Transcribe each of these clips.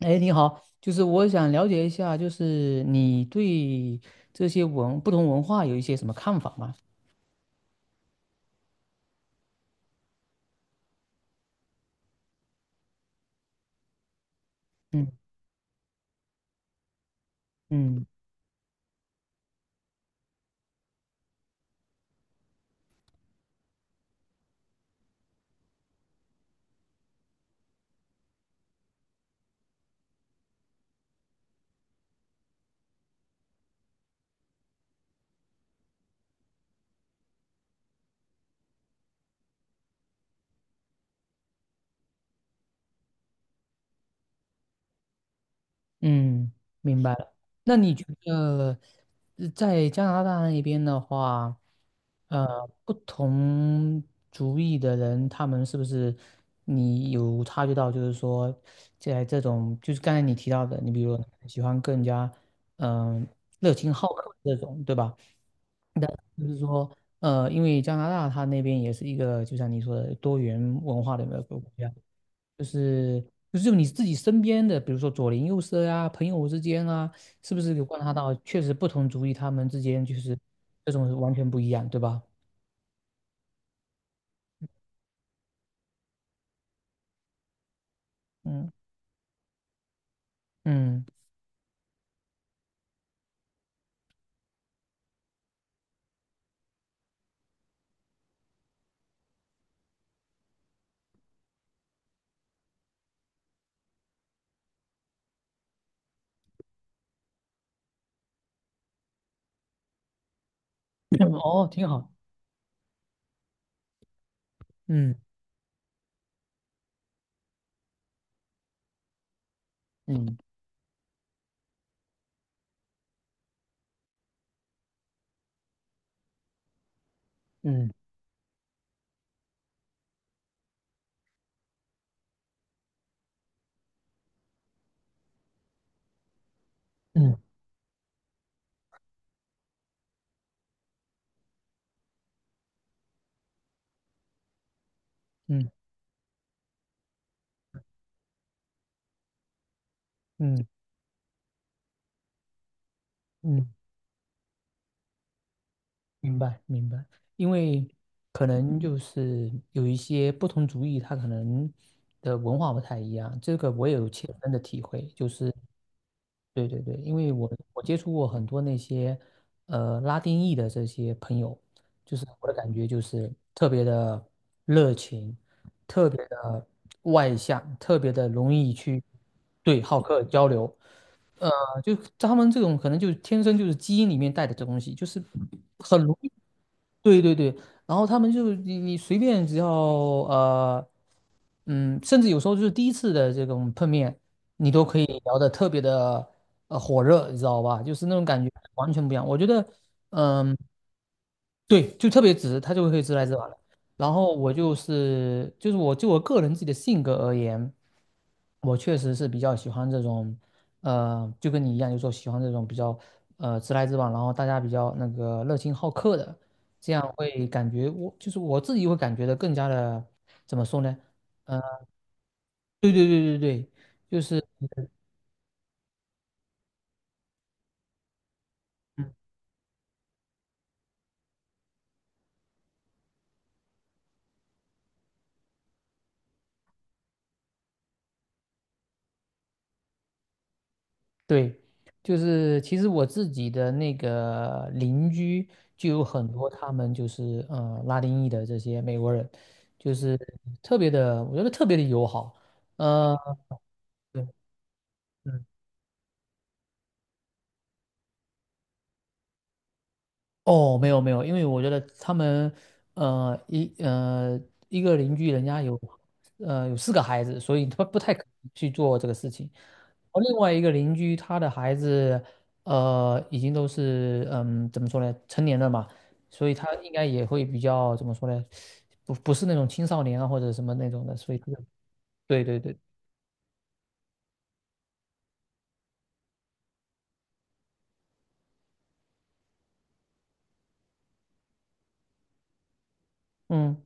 哎，你好，就是我想了解一下，就是你对这些文，不同文化有一些什么看法吗？嗯嗯嗯，明白了。那你觉得在加拿大那边的话，不同族裔的人，他们是不是你有察觉到，就是说，在这种就是刚才你提到的，你比如喜欢更加嗯、热情好客这种，对吧？就是说，因为加拿大它那边也是一个，就像你说的多元文化的一个国家，就是就是你自己身边的，比如说左邻右舍啊、朋友之间啊，是不是有观察到，确实不同族裔他们之间就是这种是完全不一样，对吧？嗯嗯，哦，挺好，嗯嗯嗯嗯嗯嗯嗯明白明白，因为可能就是有一些不同族裔，他可能的文化不太一样，这个我也有切身的体会，就是对对对，因为我接触过很多那些拉丁裔的这些朋友，就是我的感觉就是特别的热情，特别的外向，特别的容易去对好客交流。呃，就他们这种可能就是天生就是基因里面带的这东西，就是很容易。对对对，然后他们就你随便只要嗯，甚至有时候就是第一次的这种碰面，你都可以聊得特别的火热，你知道吧？就是那种感觉完全不一样。我觉得嗯。对，就特别直，他就会直来直往的。然后我就是就是我就我个人自己的性格而言，我确实是比较喜欢这种，就跟你一样，就说喜欢这种比较直来直往，然后大家比较那个热情好客的。这样会感觉我就是我自己会感觉的更加的怎么说呢？呃，对对对对对，就是嗯对，就是其实我自己的那个邻居就有很多他们就是拉丁裔的这些美国人，就是特别的，我觉得特别的友好，呃。哦，没有没有，因为我觉得他们，呃，一呃一个邻居人家有，有四个孩子，所以他不太可能去做这个事情。而另外一个邻居他的孩子，已经都是嗯怎么说呢，成年了嘛，所以他应该也会比较怎么说呢，不不是那种青少年啊或者什么那种的，所以这个对对对，嗯，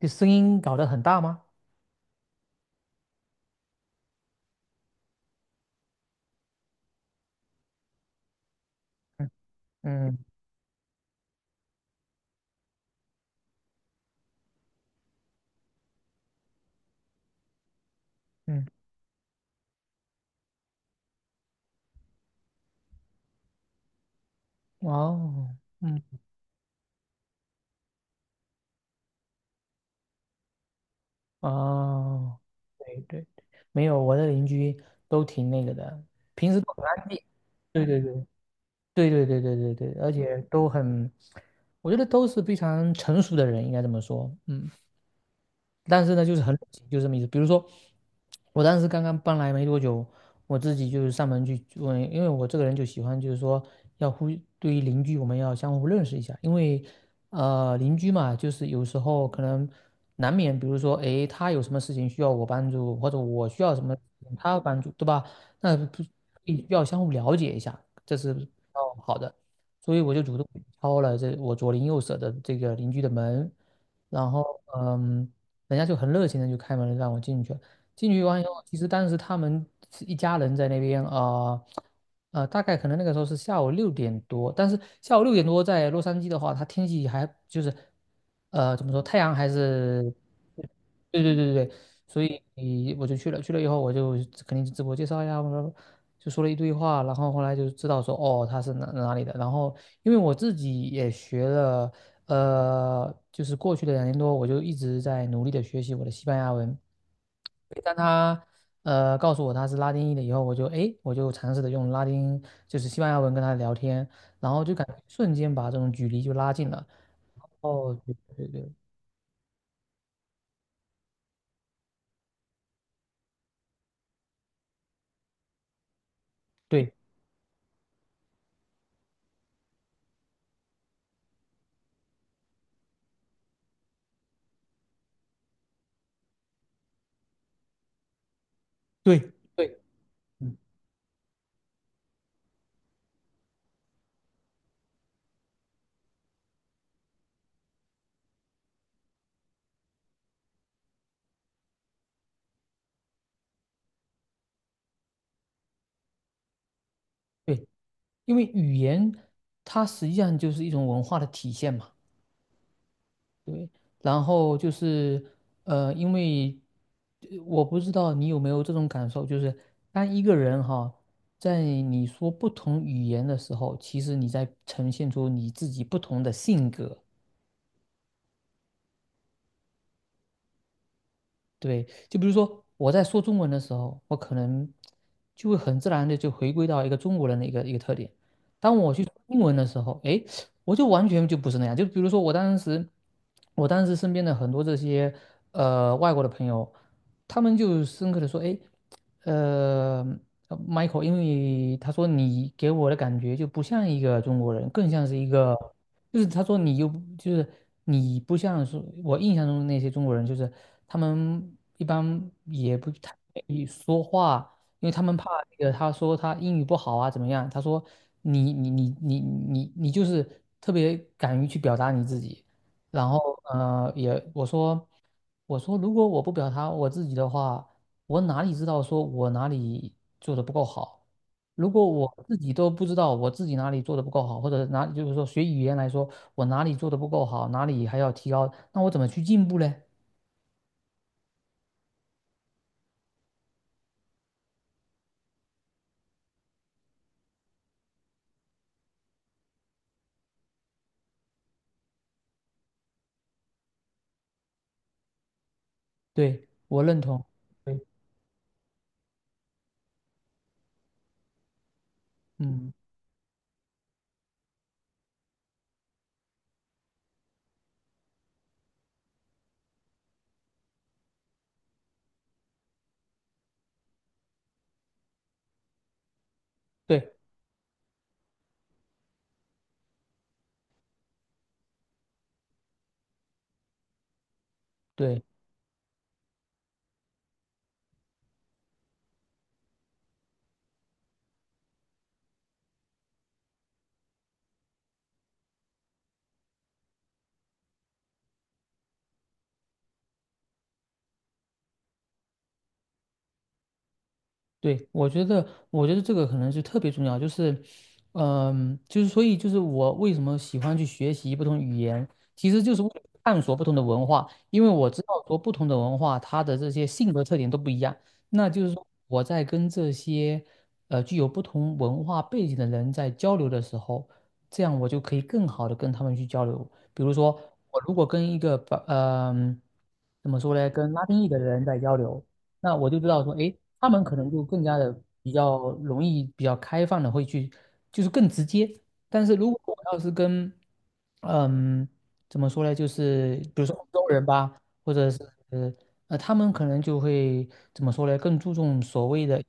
这声音搞得很大吗？嗯嗯嗯，哦。嗯。哦，对对，没有，我的邻居都挺那个的，平时都很安静。对对对对对对对对对，而且都很，我觉得都是非常成熟的人，应该这么说。嗯。但是呢，就是很冷清，就这么意思。比如说，我当时刚刚搬来没多久，我自己就是上门去问，因为我这个人就喜欢，就是说要互对于邻居，我们要相互认识一下，因为邻居嘛，就是有时候可能难免，比如说诶，他有什么事情需要我帮助，或者我需要什么事情他要帮助，对吧？那不必要相互了解一下，这是比较好的。所以我就主动敲了这我左邻右舍的这个邻居的门，然后嗯。人家就很热情的就开门让我进去，了。进去完以后，其实当时他们是一家人在那边啊。大概可能那个时候是下午六点多，但是下午六点多在洛杉矶的话，它天气还就是，怎么说，太阳还是，对对对对对，所以我就去了，去了以后我就肯定是自我介绍呀，我说就说了一堆话，然后后来就知道说哦他是哪哪里的，然后因为我自己也学了，就是过去的两年多我就一直在努力的学习我的西班牙文。当他告诉我他是拉丁裔的以后，我就诶，我就尝试着用拉丁就是西班牙文跟他聊天，然后就感觉瞬间把这种距离就拉近了。哦，对对对对对对对，因为语言它实际上就是一种文化的体现嘛。对，然后就是因为我不知道你有没有这种感受，就是当一个人哈，在你说不同语言的时候，其实你在呈现出你自己不同的性格。对，就比如说我在说中文的时候，我可能就会很自然的就回归到一个中国人的一个特点。当我去说英文的时候，诶，我就完全就不是那样。就比如说我当时，我当时身边的很多这些外国的朋友，他们就深刻的说，诶，呃Michael，因为他说你给我的感觉就不像一个中国人，更像是一个，就是他说你又不就是你不像是我印象中的那些中国人，就是。他们一般也不太愿意说话，因为他们怕那个他说他英语不好啊怎么样？他说你就是特别敢于去表达你自己，然后我说我说如果我不表达我自己的话，我哪里知道说我哪里做的不够好？如果我自己都不知道我自己哪里做的不够好，或者哪就是说学语言来说，我哪里做的不够好，哪里还要提高，那我怎么去进步嘞？对，我认同。对，嗯，对对，对，我觉得，我觉得这个可能是特别重要，就是，嗯，就是所以就是我为什么喜欢去学习不同语言，其实就是为了探索不同的文化，因为我知道说不同的文化它的这些性格特点都不一样，那就是说我在跟这些具有不同文化背景的人在交流的时候，这样我就可以更好的跟他们去交流。比如说，我如果跟一个把，怎么说呢，跟拉丁裔的人在交流。那我就知道说，哎，他们可能就更加的比较容易、比较开放的会去，就是更直接。但是如果我要是跟，嗯，怎么说呢，就是比如说欧洲人吧，或者是他们可能就会怎么说呢，更注重所谓的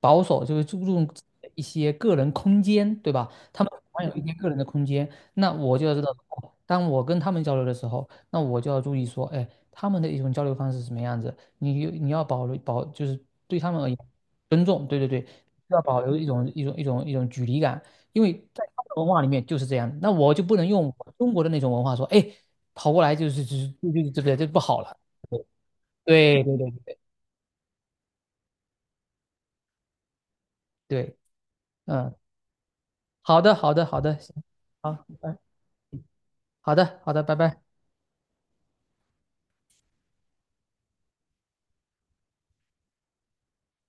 保守，就是注重一些个人空间，对吧？他们喜有一些个人的空间。那我就要知道，哦当我跟他们交流的时候，那我就要注意说，哎，他们的一种交流方式是什么样子。你你要保留保，就是对他们而言，尊重，对对对，要保留一种距离感，因为在他们的文化里面就是这样那我就不能用我中国的那种文化说，哎，跑过来就是就是就就对不对？这不好了。对对对对，嗯，好的好的好的，行，好，拜拜好的好的，拜拜。